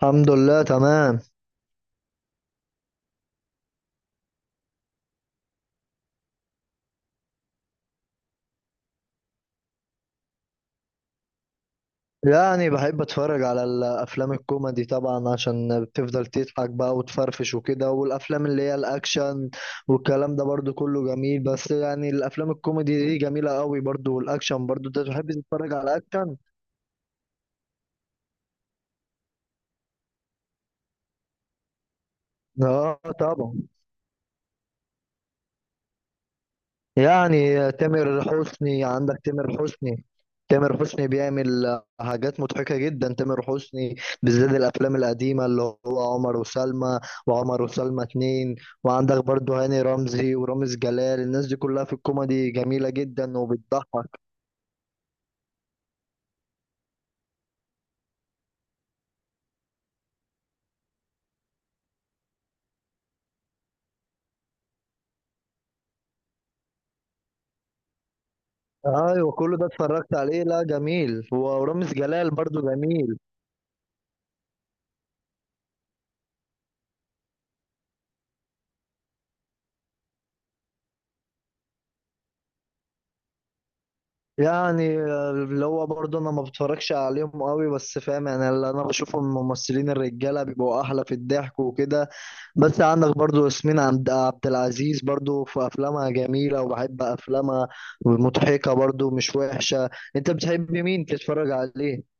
الحمد لله تمام. يعني بحب اتفرج على الافلام الكوميدي طبعا عشان بتفضل تضحك بقى وتفرفش وكده، والافلام اللي هي الاكشن والكلام ده برضو كله جميل، بس يعني الافلام الكوميدي دي جميلة قوي برضو، والاكشن برضو. انت بتحب تتفرج على اكشن؟ اه طبعا. يعني تامر حسني، عندك تامر حسني. تامر حسني بيعمل حاجات مضحكة جدا. تامر حسني بالذات الأفلام القديمة اللي هو عمر وسلمى، وعمر وسلمى اتنين. وعندك برضو هاني رمزي ورامز جلال، الناس دي كلها في الكوميدي جميلة جدا وبتضحك. أيوة كل ده اتفرجت عليه، لا جميل، ورامز جلال برضو جميل. يعني اللي هو برضه انا ما بتفرجش عليهم قوي، بس فاهم، يعني اللي انا بشوفه من الممثلين الرجاله بيبقوا احلى في الضحك وكده. بس عندك برضه ياسمين عبد العزيز، برضه في افلامها جميله وبحب افلامها. مضحكه برضه مش وحشه. انت بتحب مين تتفرج عليه؟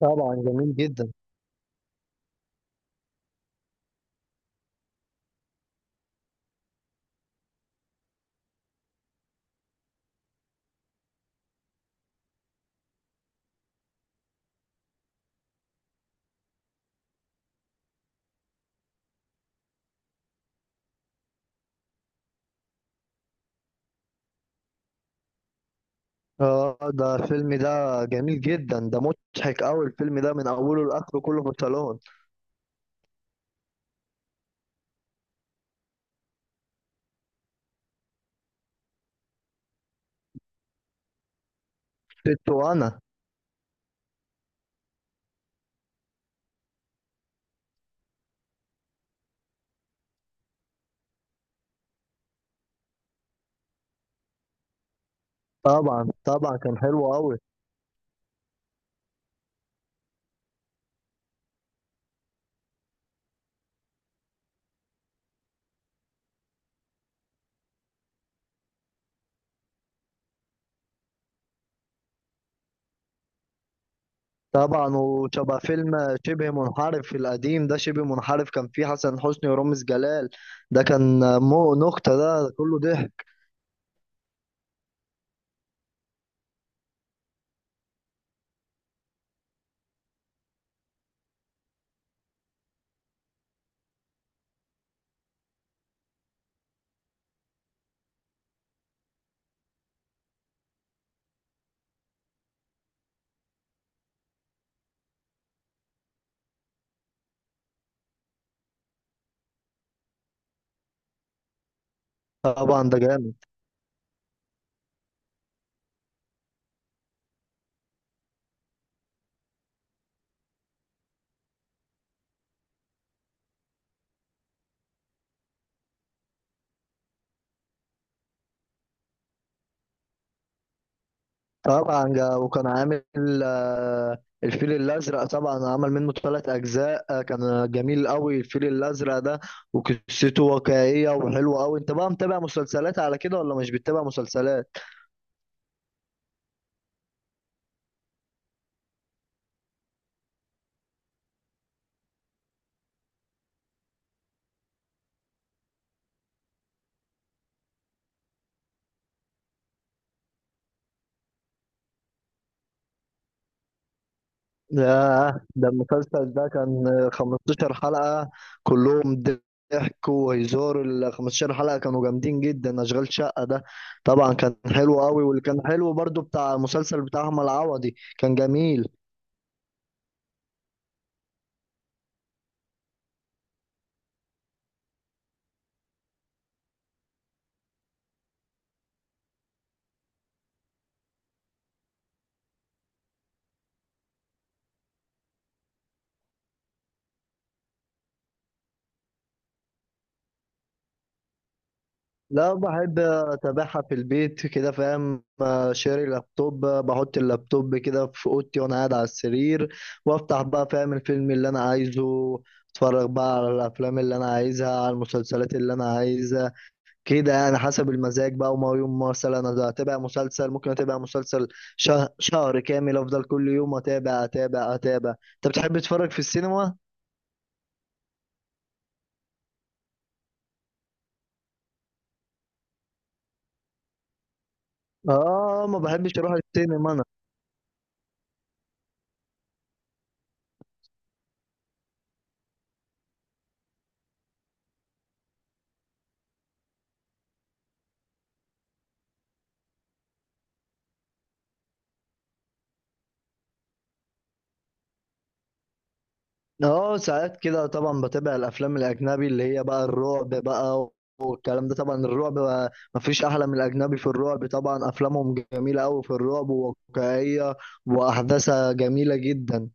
طبعا جميل جدا. اه ده الفيلم ده جميل جدا، ده مضحك قوي. الفيلم ده من اوله لاخره كله في الصالون. ست وانا. طبعا طبعا، كان حلو قوي. طبعا، وشبه فيلم شبه منحرف القديم ده، شبه منحرف كان فيه حسن حسني ورامز جلال. ده كان مو نكتة، ده كله ضحك. طبعا ده جامد. طبعا جا وكان عامل آه، الفيل الأزرق. طبعا عمل منه ثلاث أجزاء، كان جميل قوي الفيل الأزرق ده، وقصته واقعية وحلوة قوي. أنت بقى متابع مسلسلات على كده ولا مش بتتابع مسلسلات؟ ياه، ده المسلسل ده كان 15 حلقة. كلهم ضحك وهزار، ال 15 حلقة كانوا جامدين جدا، أشغال شقة ده. طبعا كان حلو قوي، واللي كان حلو برضو بتاع المسلسل بتاع أحمد عوضي كان جميل. لا بحب أتابعها في البيت كده، فاهم. شاري لابتوب، بحط اللابتوب كده في أوضتي وأنا قاعد على السرير، وأفتح بقى فاهم الفيلم اللي أنا عايزه. أتفرج بقى على الأفلام اللي أنا عايزها، على المسلسلات اللي أنا عايزها. كده يعني حسب المزاج بقى. وما يوم مثلا انا اتابع مسلسل، ممكن اتابع مسلسل شهر كامل، افضل كل يوم اتابع اتابع اتابع. انت بتحب تتفرج في السينما؟ اه ما بحبش اروح السينما انا. اه ساعات كده طبعا بتابع الافلام الاجنبي، اللي هي بقى الرعب بقى والكلام ده. طبعا الرعب بقى مفيش احلى من الاجنبي في الرعب. طبعا افلامهم جميلة قوي في الرعب وواقعية، واحداثها جميلة جدا.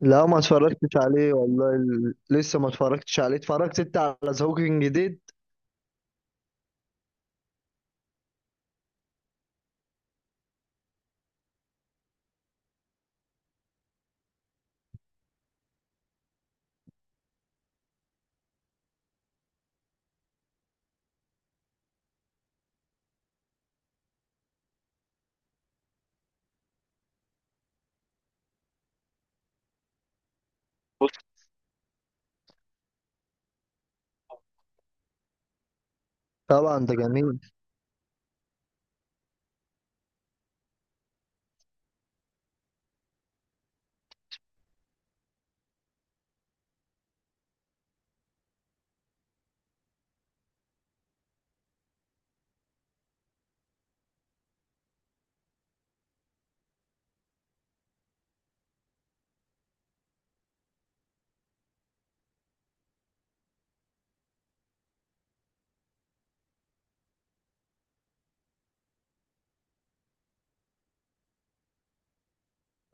لا ما اتفرجتش عليه والله، لسه ما اتفرجتش عليه. اتفرجت انت على ذا هوكينج جديد؟ بص طبعا ده جميل.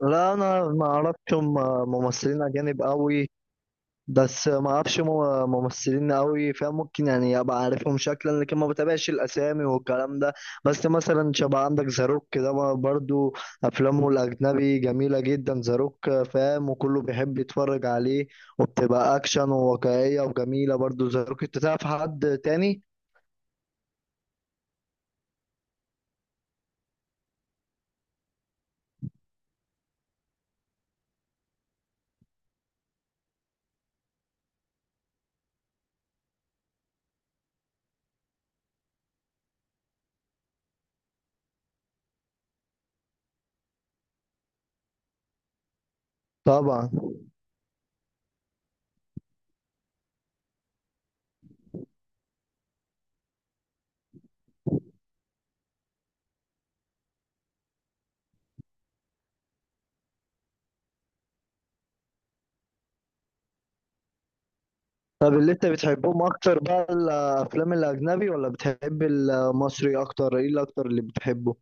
لا انا ما اعرفش هم. ممثلين اجانب قوي، بس ما اعرفش هم. ممثلين قوي فاهم، ممكن يعني ابقى عارفهم شكلا، لكن ما بتابعش الاسامي والكلام ده. بس مثلا شبه عندك زاروك كده، ما برضو افلامه الاجنبي جميله جدا زاروك فاهم، وكله بيحب يتفرج عليه، وبتبقى اكشن وواقعيه وجميله برضو زاروك. انت تعرف حد تاني؟ طبعا. طب اللي انت بتحبهم اكتر بقى، الافلام الاجنبي ولا بتحب المصري اكتر؟ ايه اللي اكتر اللي بتحبه؟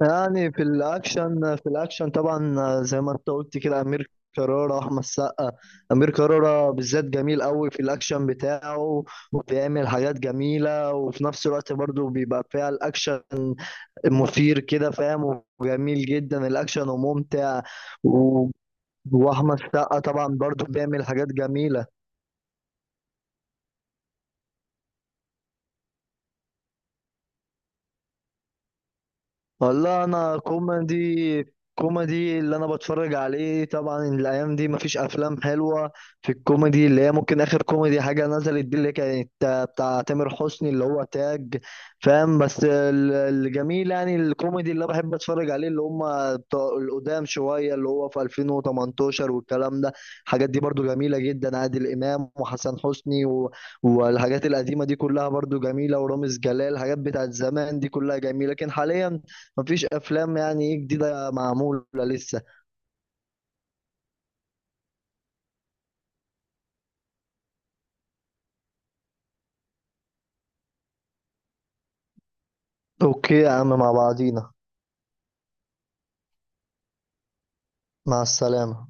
يعني في الاكشن، في الاكشن طبعا زي ما انت قلت كده، امير كرارة احمد السقا. امير كرارة بالذات جميل قوي في الاكشن بتاعه، وبيعمل حاجات جميلة، وفي نفس الوقت برضه بيبقى فيها الاكشن مثير كده فاهم، وجميل جدا الاكشن وممتع. و... واحمد السقا طبعا برضه بيعمل حاجات جميلة. والله انا كوميدي، كوميدي اللي انا بتفرج عليه. طبعا الايام دي مفيش افلام حلوه في الكوميدي. اللي هي ممكن اخر كوميدي حاجه نزلت دي اللي كانت بتاع تامر حسني، اللي هو تاج، فاهم. بس الجميل يعني الكوميدي اللي أنا بحب اتفرج عليه، اللي هم بتوع القدام شويه، اللي هو في 2018 والكلام ده. الحاجات دي برضو جميله جدا، عادل امام وحسن حسني، والحاجات القديمه دي كلها برضو جميله، ورامز جلال. الحاجات بتاعت زمان دي كلها جميله، لكن حاليا مفيش افلام يعني ايه جديدة معمولة لسه. اوكي يا عم، مع بعضينا. مع السلامة.